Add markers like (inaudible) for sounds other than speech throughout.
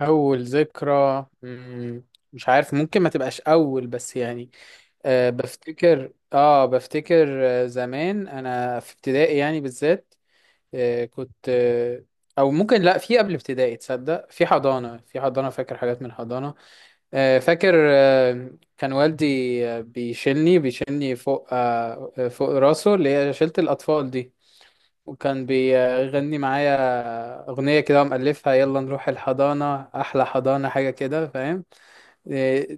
أول ذكرى مش عارف ممكن ما تبقاش أول بس يعني بفتكر زمان أنا في ابتدائي يعني بالذات أه كنت أه أو ممكن لأ في قبل ابتدائي تصدق في حضانة فاكر حاجات من الحضانة فاكر كان والدي بيشيلني فوق أه آه، فوق راسه اللي هي شيلة الأطفال دي. وكان بيغني معايا أغنية كده ومألفها، يلا نروح الحضانة أحلى حضانة حاجة كده فاهم.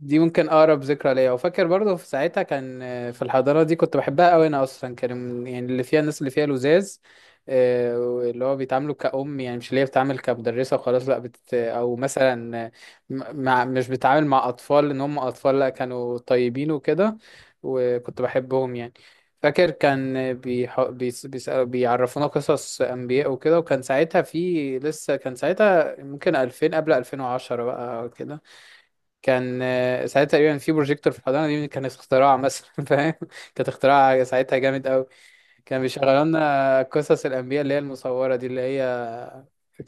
دي ممكن اقرب ذكرى ليا، وفاكر برضو في ساعتها كان في الحضانه دي كنت بحبها قوي. انا اصلا كان يعني اللي فيها الناس اللي فيها لزاز، آه، اللي هو بيتعاملوا كأم، يعني مش اللي هي بتتعامل كمدرسة وخلاص، لا بت أو مثلا آه، م- مع مش بتتعامل مع أطفال إن هم أطفال، لا كانوا طيبين وكده، وكنت بحبهم يعني. فاكر كان بيعرفونا قصص أنبياء وكده، وكان ساعتها في لسه، كان ساعتها ممكن 2000 قبل 2010 بقى كده. كان ساعتها تقريبا في بروجيكتور في الحضانه دي، كان اختراع مثلا (laughs) فاهم، كانت اختراع ساعتها جامد قوي. كان بيشغلوا لنا قصص الانبياء اللي هي المصوره دي، اللي هي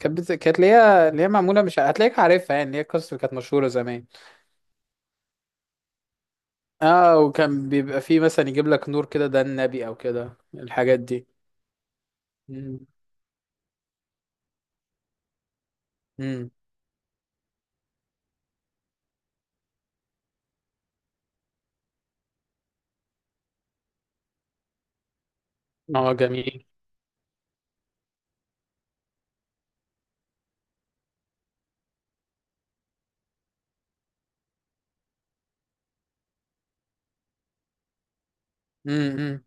كانت اللي هي معموله، مش هتلاقيك عارفها يعني، اللي هي القصص اللي كانت مشهوره زمان. اه، وكان بيبقى فيه مثلا يجيب لك نور كده، ده النبي او كده الحاجات دي. امم. امم. اه جميل. امم.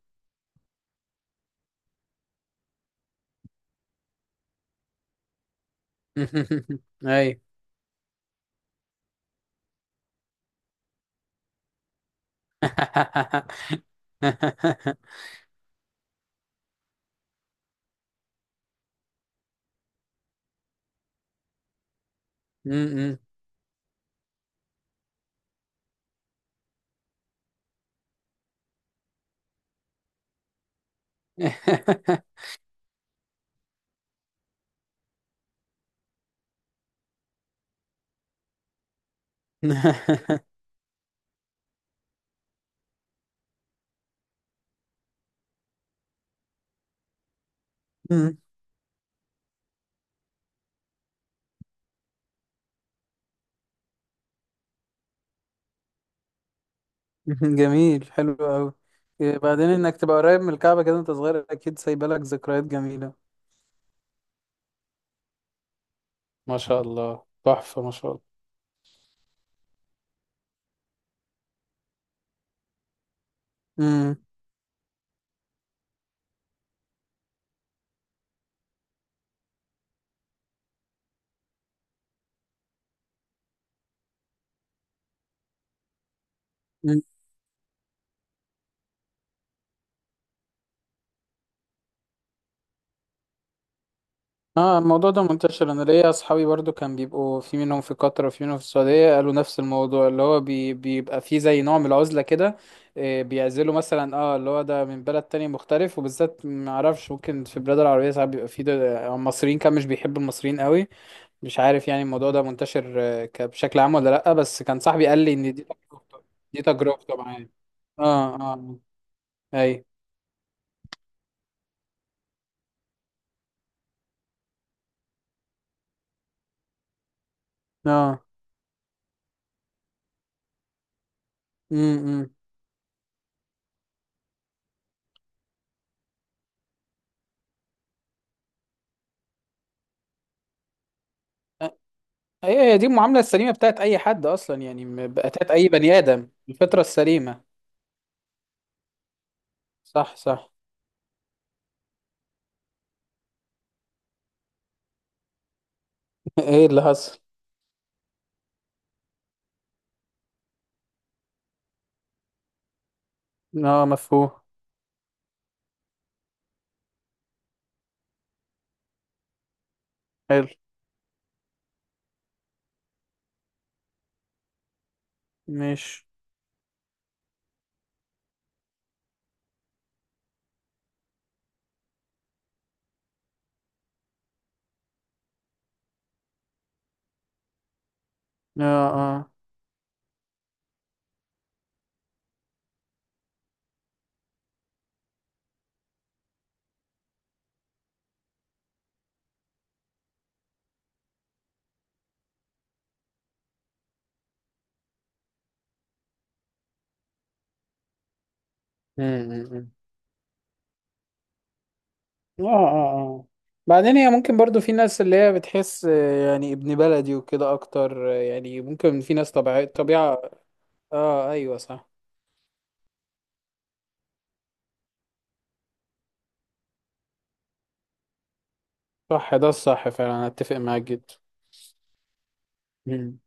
امم. (laughs) اي. (laughs) امم. (laughs) (laughs) جميل حلو قوي. بعدين انك تبقى قريب من الكعبة كده انت صغير، اكيد سايبه لك ذكريات جميلة. ما شاء الله، تحفة، ما شاء الله. امم. اه، الموضوع ده منتشر. انا ليا اصحابي برضو كان بيبقوا، في منهم في قطر وفي منهم في السعودية، قالوا نفس الموضوع، اللي هو بي بيبقى فيه زي نوع من العزلة كده. بيعزلوا مثلا، اه، اللي هو ده من بلد تاني مختلف، وبالذات معرفش، ممكن في بلاد العربية ساعات بيبقى فيه مصريين، كان مش بيحبوا المصريين قوي. مش عارف يعني الموضوع ده منتشر بشكل عام ولا لأ، بس كان صاحبي قال لي إن دي تجربته. دي تجربته معايا. اه اه. اي. اه. امم. هي هي دي المعاملة السليمة بتاعت أي حد أصلا، يعني بتاعت أي بني آدم، الفطرة السليمة. صح صح. (laughs) ايه اللي حصل؟ اه مفهوم. حلو. مش. اه اه. امم. اه اه اه. بعدين هي ممكن برضو في ناس اللي هي بتحس يعني ابن بلدي وكده اكتر، يعني ممكن في ناس طبيعة طبيعة. اه ايوه صح. صح ده الصح فعلا، انا اتفق معاك جدا. مم.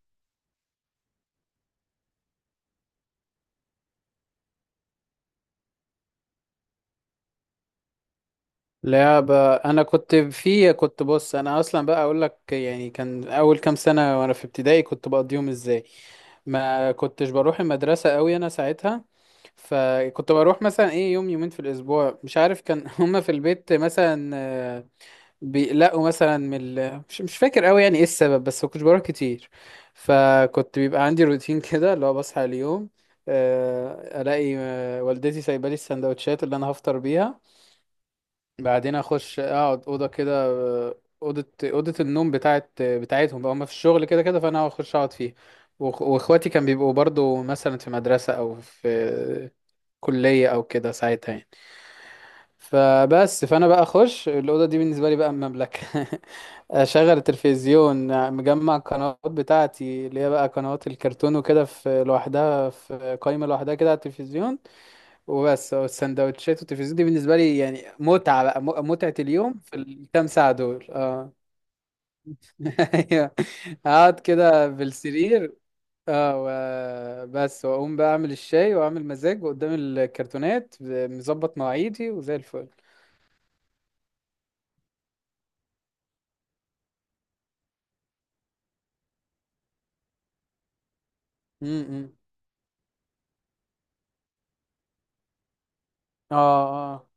لعبة، انا كنت في، بص انا اصلا بقى اقول لك، يعني كان اول كام سنة وانا في ابتدائي كنت بقضيهم ازاي. ما كنتش بروح المدرسة قوي انا ساعتها، فكنت بروح مثلا ايه، يوم يومين في الاسبوع مش عارف كان. (laughs) هما في البيت مثلا بيقلقوا مثلا من ال...، مش فاكر قوي يعني ايه السبب، بس ما كنتش بروح كتير. فكنت بيبقى عندي روتين كده، اللي هو بصحى اليوم الاقي والدتي سايبه لي السندوتشات اللي انا هفطر بيها. بعدين اخش اقعد اوضه كده، اوضه النوم بتاعتهم بقى، هم في الشغل كده كده، فانا هخش اقعد فيها. واخواتي كان بيبقوا برضو مثلا في مدرسه او في كليه او كده ساعتها يعني. فبس فانا بقى اخش الاوضه دي، بالنسبه لي بقى مملكه. (laughs) اشغل التلفزيون، مجمع القنوات بتاعتي اللي هي بقى قنوات الكرتون وكده في لوحدها، في قائمه لوحدها كده على التلفزيون، وبس. والسندوتشات والتلفزيون دي بالنسبه لي يعني متعه بقى، متعه اليوم في الكام ساعه دول اه. (laughs) ايوه. اقعد كده بالسرير، بس واقوم بقى اعمل الشاي واعمل مزاج وقدام الكرتونات، مظبط مواعيدي وزي الفل. م- م. اه اه.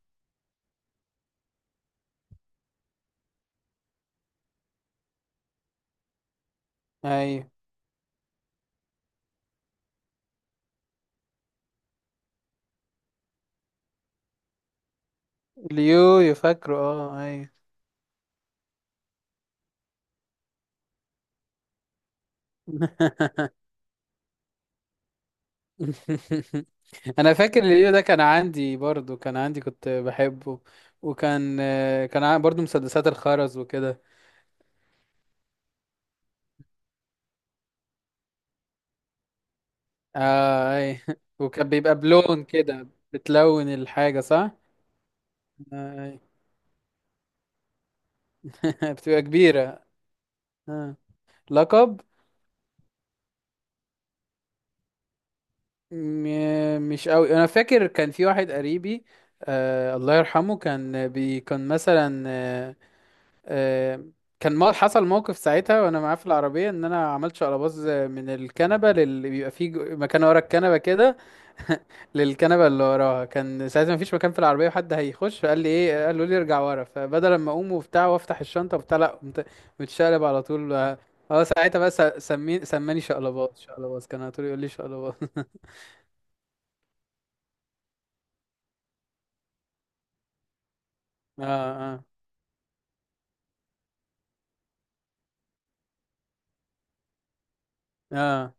ايوه اليو، فاكره اه ايوه. (laughs) انا فاكر اليو ده كان عندي برضو، كان عندي، كنت بحبه. وكان كان برضو مسدسات الخرز وكده. اه اي. (laughs) وكان بيبقى بلون كده، بتلون الحاجة، صح. أي. (laughs) بتبقى كبيرة. آه. لقب، مش قوي انا فاكر. كان في واحد قريبي، آه الله يرحمه، كان بي كان مثلا آه، كان، ما حصل موقف ساعتها وانا معاه في العربيه، ان انا عملت شقلباز من الكنبه للي بيبقى فيه مكان ورا الكنبه كده. (laughs) للكنبه اللي وراها، كان ساعتها مفيش مكان في العربيه، وحد هيخش، فقال لي ايه، قالوا لي ارجع ورا، فبدل ما اقوم وبتاع وافتح الشنطه وبتاع، لا قمت متشقلب على طول اه. ساعتها بس سماني شقلباز، كان على طول يقول لي شقلباز. (laughs) اه اه. اه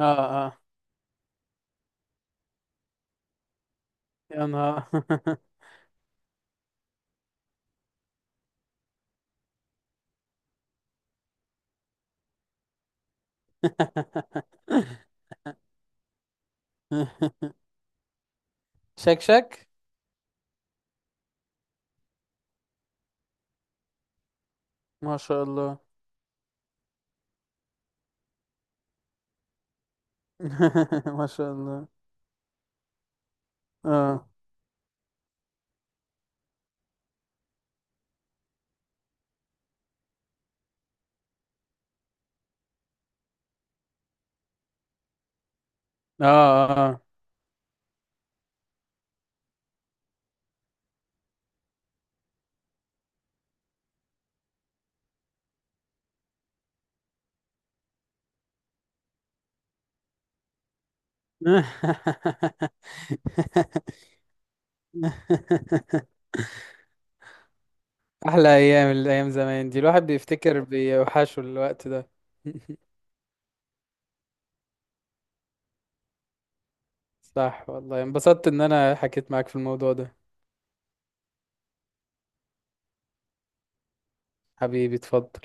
اه اه. يا نهار. (laughs) شكشك. ما شاء الله. (laughs) ما شاء الله. اه اه اه. (laughs) احلى ايام، الايام زمان دي الواحد بيفتكر بيوحشه الوقت ده. (laughs) صح والله، انبسطت ان انا حكيت معاك في الموضوع ده. حبيبي اتفضل.